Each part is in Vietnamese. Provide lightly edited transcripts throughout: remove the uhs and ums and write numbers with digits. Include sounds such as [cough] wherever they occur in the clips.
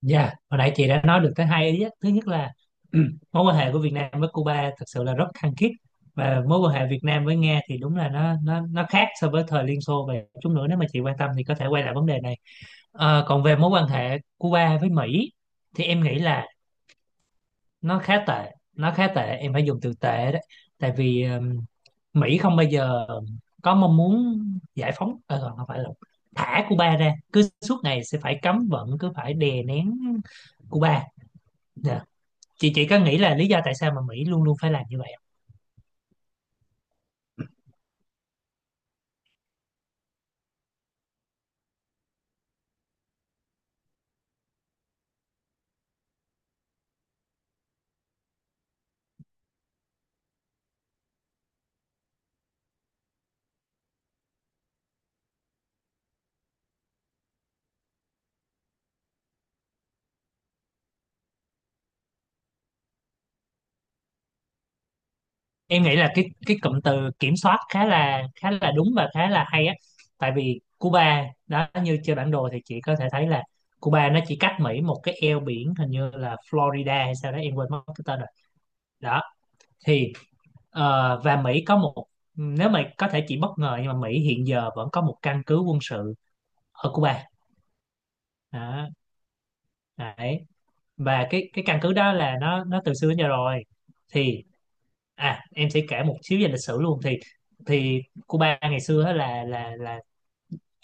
Dạ, hồi nãy chị đã nói được tới hai ý á. Thứ nhất là [clears throat] mối quan hệ của Việt Nam với Cuba thật sự là rất khăng khít, và mối quan hệ Việt Nam với Nga thì đúng là nó khác so với thời Liên Xô, và chút nữa nếu mà chị quan tâm thì có thể quay lại vấn đề này. Còn về mối quan hệ Cuba với Mỹ thì em nghĩ là nó khá tệ, em phải dùng từ tệ đấy. Tại vì Mỹ không bao giờ có mong muốn giải phóng, không phải là thả Cuba ra, cứ suốt ngày sẽ phải cấm vận, cứ phải đè nén Cuba. Dạ, chị có nghĩ là lý do tại sao mà Mỹ luôn luôn phải làm như vậy không? Em nghĩ là cái cụm từ kiểm soát khá là đúng và khá là hay á. Tại vì Cuba đó, như trên bản đồ thì chị có thể thấy là Cuba nó chỉ cách Mỹ một cái eo biển, hình như là Florida hay sao đó, em quên mất cái tên rồi. Đó, thì và Mỹ có một, nếu mà có thể chị bất ngờ, nhưng mà Mỹ hiện giờ vẫn có một căn cứ quân sự ở Cuba. Đó, đấy. Và cái căn cứ đó là nó từ xưa đến giờ rồi. Thì à, em sẽ kể một xíu về lịch sử luôn. Thì Thì Cuba ngày xưa á, là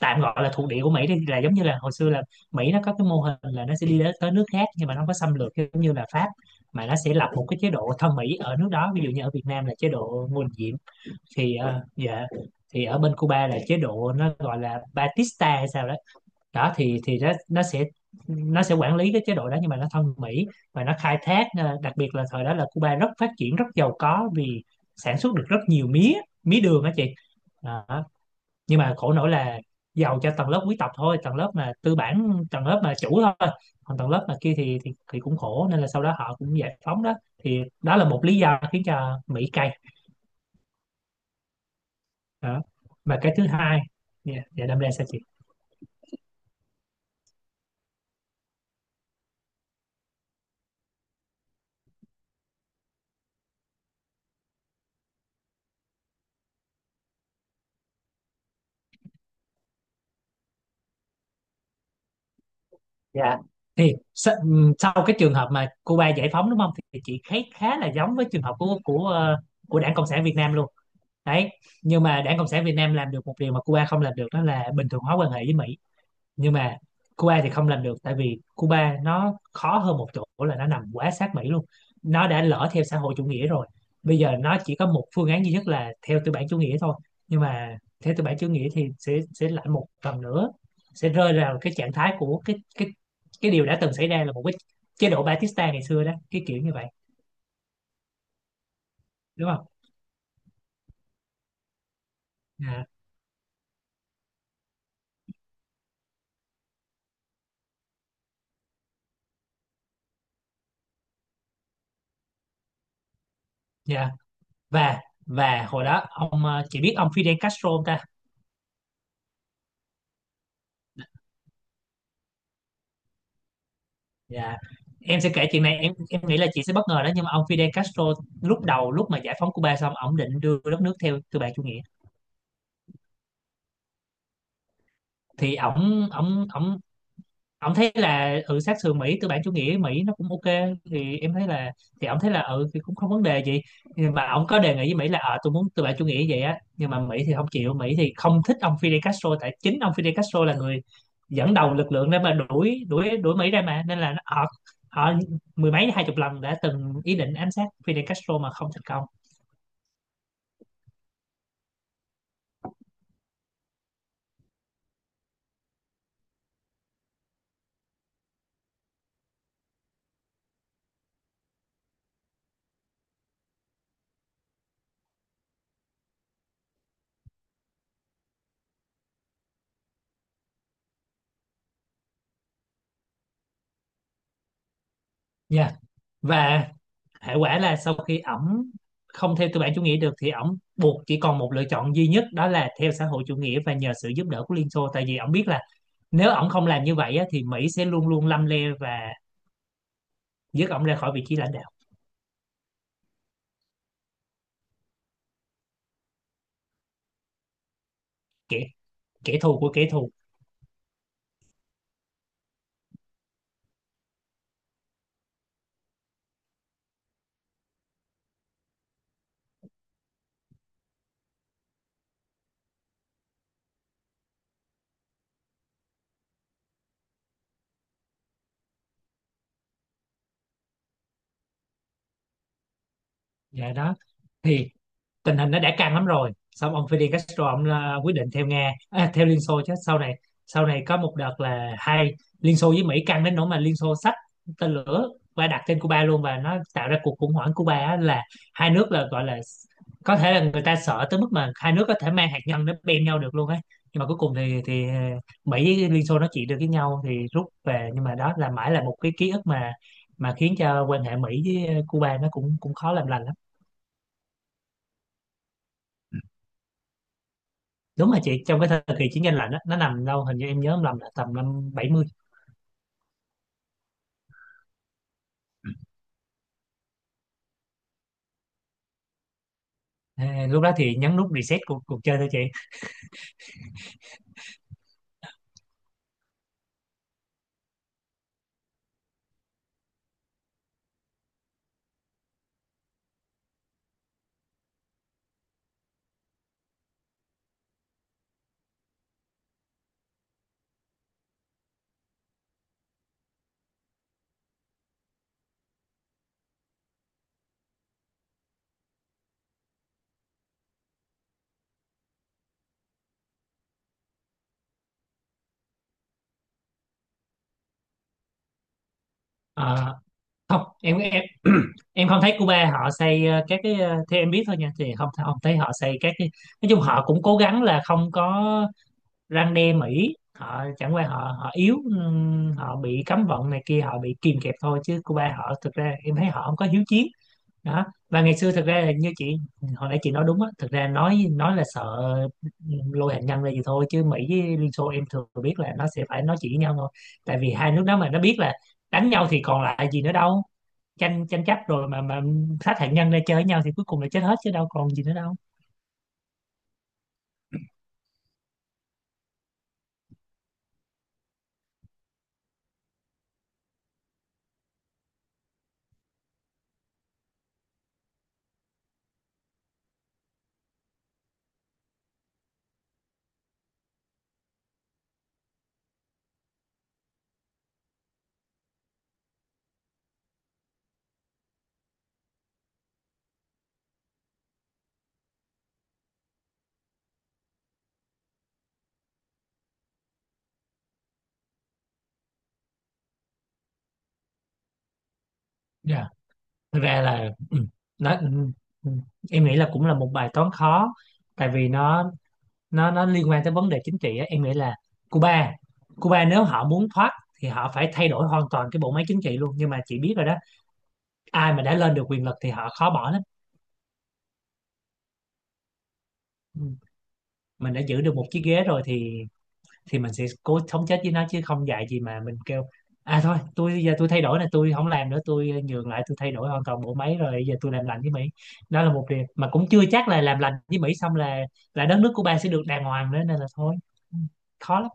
tạm gọi là thuộc địa của Mỹ đi, là giống như là hồi xưa là Mỹ nó có cái mô hình là nó sẽ đi đến tới nước khác nhưng mà nó không có xâm lược giống như là Pháp, mà nó sẽ lập một cái chế độ thân Mỹ ở nước đó, ví dụ như ở Việt Nam là chế độ Ngô Đình Diệm. Thì dạ, thì ở bên Cuba là chế độ nó gọi là Batista hay sao đó. Đó thì nó sẽ, nó sẽ quản lý cái chế độ đó nhưng mà nó thân Mỹ và nó khai thác, đặc biệt là thời đó là Cuba rất phát triển, rất giàu có vì sản xuất được rất nhiều mía, mía đường á chị. Đó. Nhưng mà khổ nỗi là giàu cho tầng lớp quý tộc thôi, tầng lớp mà tư bản, tầng lớp mà chủ thôi, còn tầng lớp mà kia thì, thì cũng khổ nên là sau đó họ cũng giải phóng đó. Thì đó là một lý do khiến cho Mỹ cay. Đó, và cái thứ hai, dạ dạ, đâm ra sao chị? Dạ. Thì sau cái trường hợp mà Cuba giải phóng đúng không, thì chị thấy khá là giống với trường hợp của của Đảng Cộng sản Việt Nam luôn. Đấy, nhưng mà Đảng Cộng sản Việt Nam làm được một điều mà Cuba không làm được, đó là bình thường hóa quan hệ với Mỹ, nhưng mà Cuba thì không làm được, tại vì Cuba nó khó hơn một chỗ là nó nằm quá sát Mỹ luôn. Nó đã lỡ theo xã hội chủ nghĩa rồi, bây giờ nó chỉ có một phương án duy nhất là theo tư bản chủ nghĩa thôi. Nhưng mà theo tư bản chủ nghĩa thì sẽ lại một lần nữa sẽ rơi vào cái trạng thái của cái cái điều đã từng xảy ra, là một cái chế độ Batista ngày xưa đó, cái kiểu như vậy, đúng không? Dạ dạ. Và hồi đó ông, chị biết ông Fidel Castro không ta? Dạ. Em sẽ kể chuyện này, em nghĩ là chị sẽ bất ngờ đó, nhưng mà ông Fidel Castro lúc đầu, lúc mà giải phóng Cuba xong, ổng định đưa đất nước theo tư bản chủ nghĩa. Thì ổng ổng ổng ông thấy là ừ, sát sườn Mỹ tư bản chủ nghĩa, Mỹ nó cũng ok, thì em thấy là, thì ông thấy là ừ thì cũng không vấn đề gì. Nhưng mà ông có đề nghị với Mỹ là ờ tôi muốn tư bản chủ nghĩa vậy á, nhưng mà Mỹ thì không chịu, Mỹ thì không thích ông Fidel Castro tại chính ông Fidel Castro là người dẫn đầu lực lượng để mà đuổi đuổi đuổi Mỹ ra mà, nên là họ, họ mười mấy hai chục lần đã từng ý định ám sát Fidel Castro mà không thành công. Dạ. Và hệ quả là sau khi ổng không theo tư bản chủ nghĩa được thì ổng buộc chỉ còn một lựa chọn duy nhất, đó là theo xã hội chủ nghĩa và nhờ sự giúp đỡ của Liên Xô, tại vì ổng biết là nếu ổng không làm như vậy á, thì Mỹ sẽ luôn luôn lăm le và dứt ổng ra khỏi vị trí lãnh đạo. Kẻ kẻ thù của kẻ thù. Dạ đó. Thì tình hình nó đã căng lắm rồi, xong ông Fidel Castro ông, quyết định theo Nga, theo Liên Xô. Chứ sau này, sau này có một đợt là hai, Liên Xô với Mỹ căng đến nỗi mà Liên Xô xách tên lửa và đặt trên Cuba luôn, và nó tạo ra cuộc khủng hoảng Cuba á, là hai nước là gọi là có thể là người ta sợ tới mức mà hai nước có thể mang hạt nhân nó bem nhau được luôn ấy. Nhưng mà cuối cùng thì Mỹ với Liên Xô nó chỉ được với nhau thì rút về, nhưng mà đó là mãi là một cái ký ức mà khiến cho quan hệ Mỹ với Cuba nó cũng cũng khó làm lành lắm. Đúng rồi chị, trong cái thời kỳ chiến tranh lạnh đó, nó nằm đâu hình như em nhớ không lầm là tầm năm 70. À, lúc đó thì nhấn nút reset cuộc cuộc chơi thôi chị. Ờ, không, em [clears throat] em không thấy Cuba họ xây, các cái, theo em biết thôi nha, thì không không thấy họ xây các cái. Nói chung họ cũng cố gắng là không có răn đe Mỹ, họ chẳng qua họ họ yếu, họ bị cấm vận này kia, họ bị kìm kẹp thôi, chứ Cuba họ thực ra em thấy họ không có hiếu chiến. Đó, và ngày xưa thực ra là như chị hồi nãy chị nói đúng á, thực ra nói là sợ lôi hạt nhân ra gì thôi, chứ Mỹ với Liên Xô em thường biết là nó sẽ phải nói chuyện với nhau thôi. Tại vì hai nước đó mà nó biết là đánh nhau thì còn lại gì nữa đâu, tranh tranh chấp rồi mà sát hạt nhân ra chơi với nhau thì cuối cùng là chết hết chứ đâu còn gì nữa đâu. Dạ. Thực ra là ừ, nó ừ, ừ, em nghĩ là cũng là một bài toán khó, tại vì nó nó liên quan tới vấn đề chính trị á. Em nghĩ là Cuba Cuba nếu họ muốn thoát thì họ phải thay đổi hoàn toàn cái bộ máy chính trị luôn, nhưng mà chị biết rồi đó, ai mà đã lên được quyền lực thì họ khó bỏ lắm. Ừ. Mình đã giữ được một chiếc ghế rồi thì mình sẽ cố sống chết với nó, chứ không dạy gì mà mình kêu à thôi tôi giờ tôi thay đổi này, tôi không làm nữa, tôi nhường lại, tôi thay đổi hoàn toàn bộ máy rồi giờ tôi làm lành với Mỹ. Đó là một điều mà cũng chưa chắc là làm lành với Mỹ xong là đất nước Cuba sẽ được đàng hoàng nữa, nên là thôi. Ừ, khó lắm.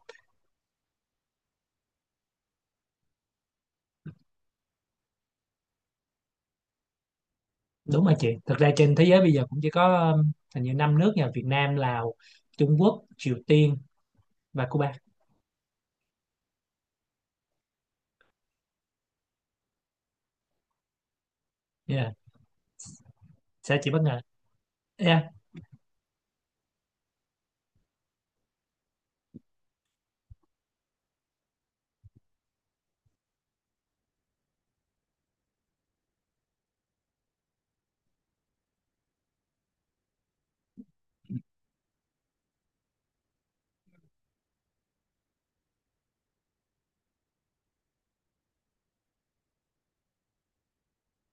Đúng rồi chị, thực ra trên thế giới bây giờ cũng chỉ có hình như năm nước nha, Việt Nam, Lào, Trung Quốc, Triều Tiên và Cuba. Yeah, sẽ chị bất ngờ. Yeah,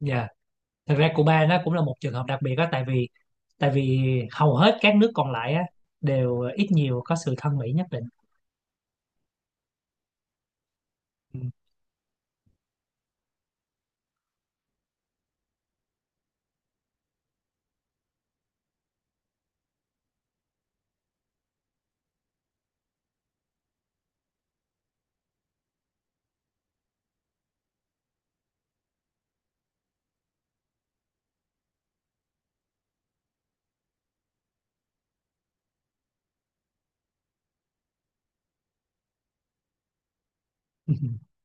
dạ. Thực ra Cuba nó cũng là một trường hợp đặc biệt đó, tại vì tại vì hầu hết các nước còn lại á đều ít nhiều có sự thân Mỹ nhất định. Ừ. [laughs]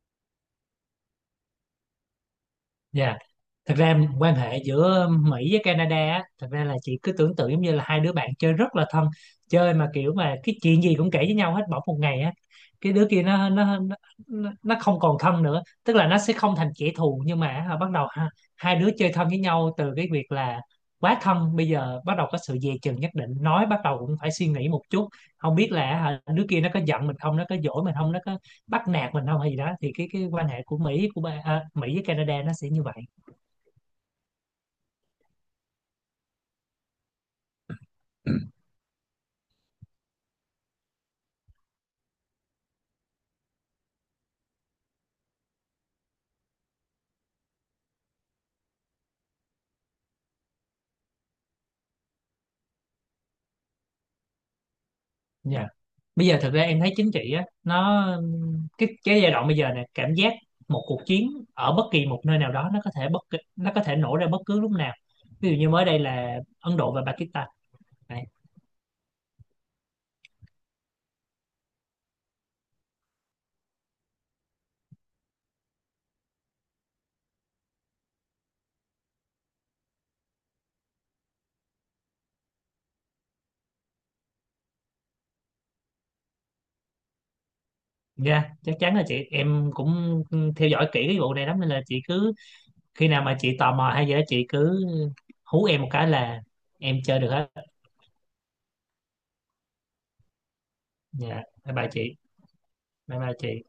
Yeah. Thật ra quan hệ giữa Mỹ với Canada á, thật ra là chị cứ tưởng tượng giống như là hai đứa bạn chơi rất là thân, chơi mà kiểu mà cái chuyện gì cũng kể với nhau hết, bỗng một ngày á cái đứa kia nó nó không còn thân nữa, tức là nó sẽ không thành kẻ thù nhưng mà á, bắt đầu ha, hai đứa chơi thân với nhau từ cái việc là quá thân, bây giờ bắt đầu có sự dè chừng nhất định, nói bắt đầu cũng phải suy nghĩ một chút, không biết là hả, đứa kia nó có giận mình không, nó có dỗi mình không, nó có bắt nạt mình không hay gì đó. Thì cái quan hệ của Mỹ của Mỹ với Canada nó sẽ như vậy. Dạ. Bây giờ thực ra em thấy chính trị á nó, cái giai đoạn bây giờ này cảm giác một cuộc chiến ở bất kỳ một nơi nào đó nó có thể nó có thể nổ ra bất cứ lúc nào. Ví dụ như mới đây là Ấn Độ và Pakistan. Đấy. Dạ, chắc chắn là chị em cũng theo dõi kỹ cái vụ này lắm, nên là chị cứ khi nào mà chị tò mò hay gì đó chị cứ hú em một cái là em chơi được hết. Dạ. Bye bye chị. Bye bye chị.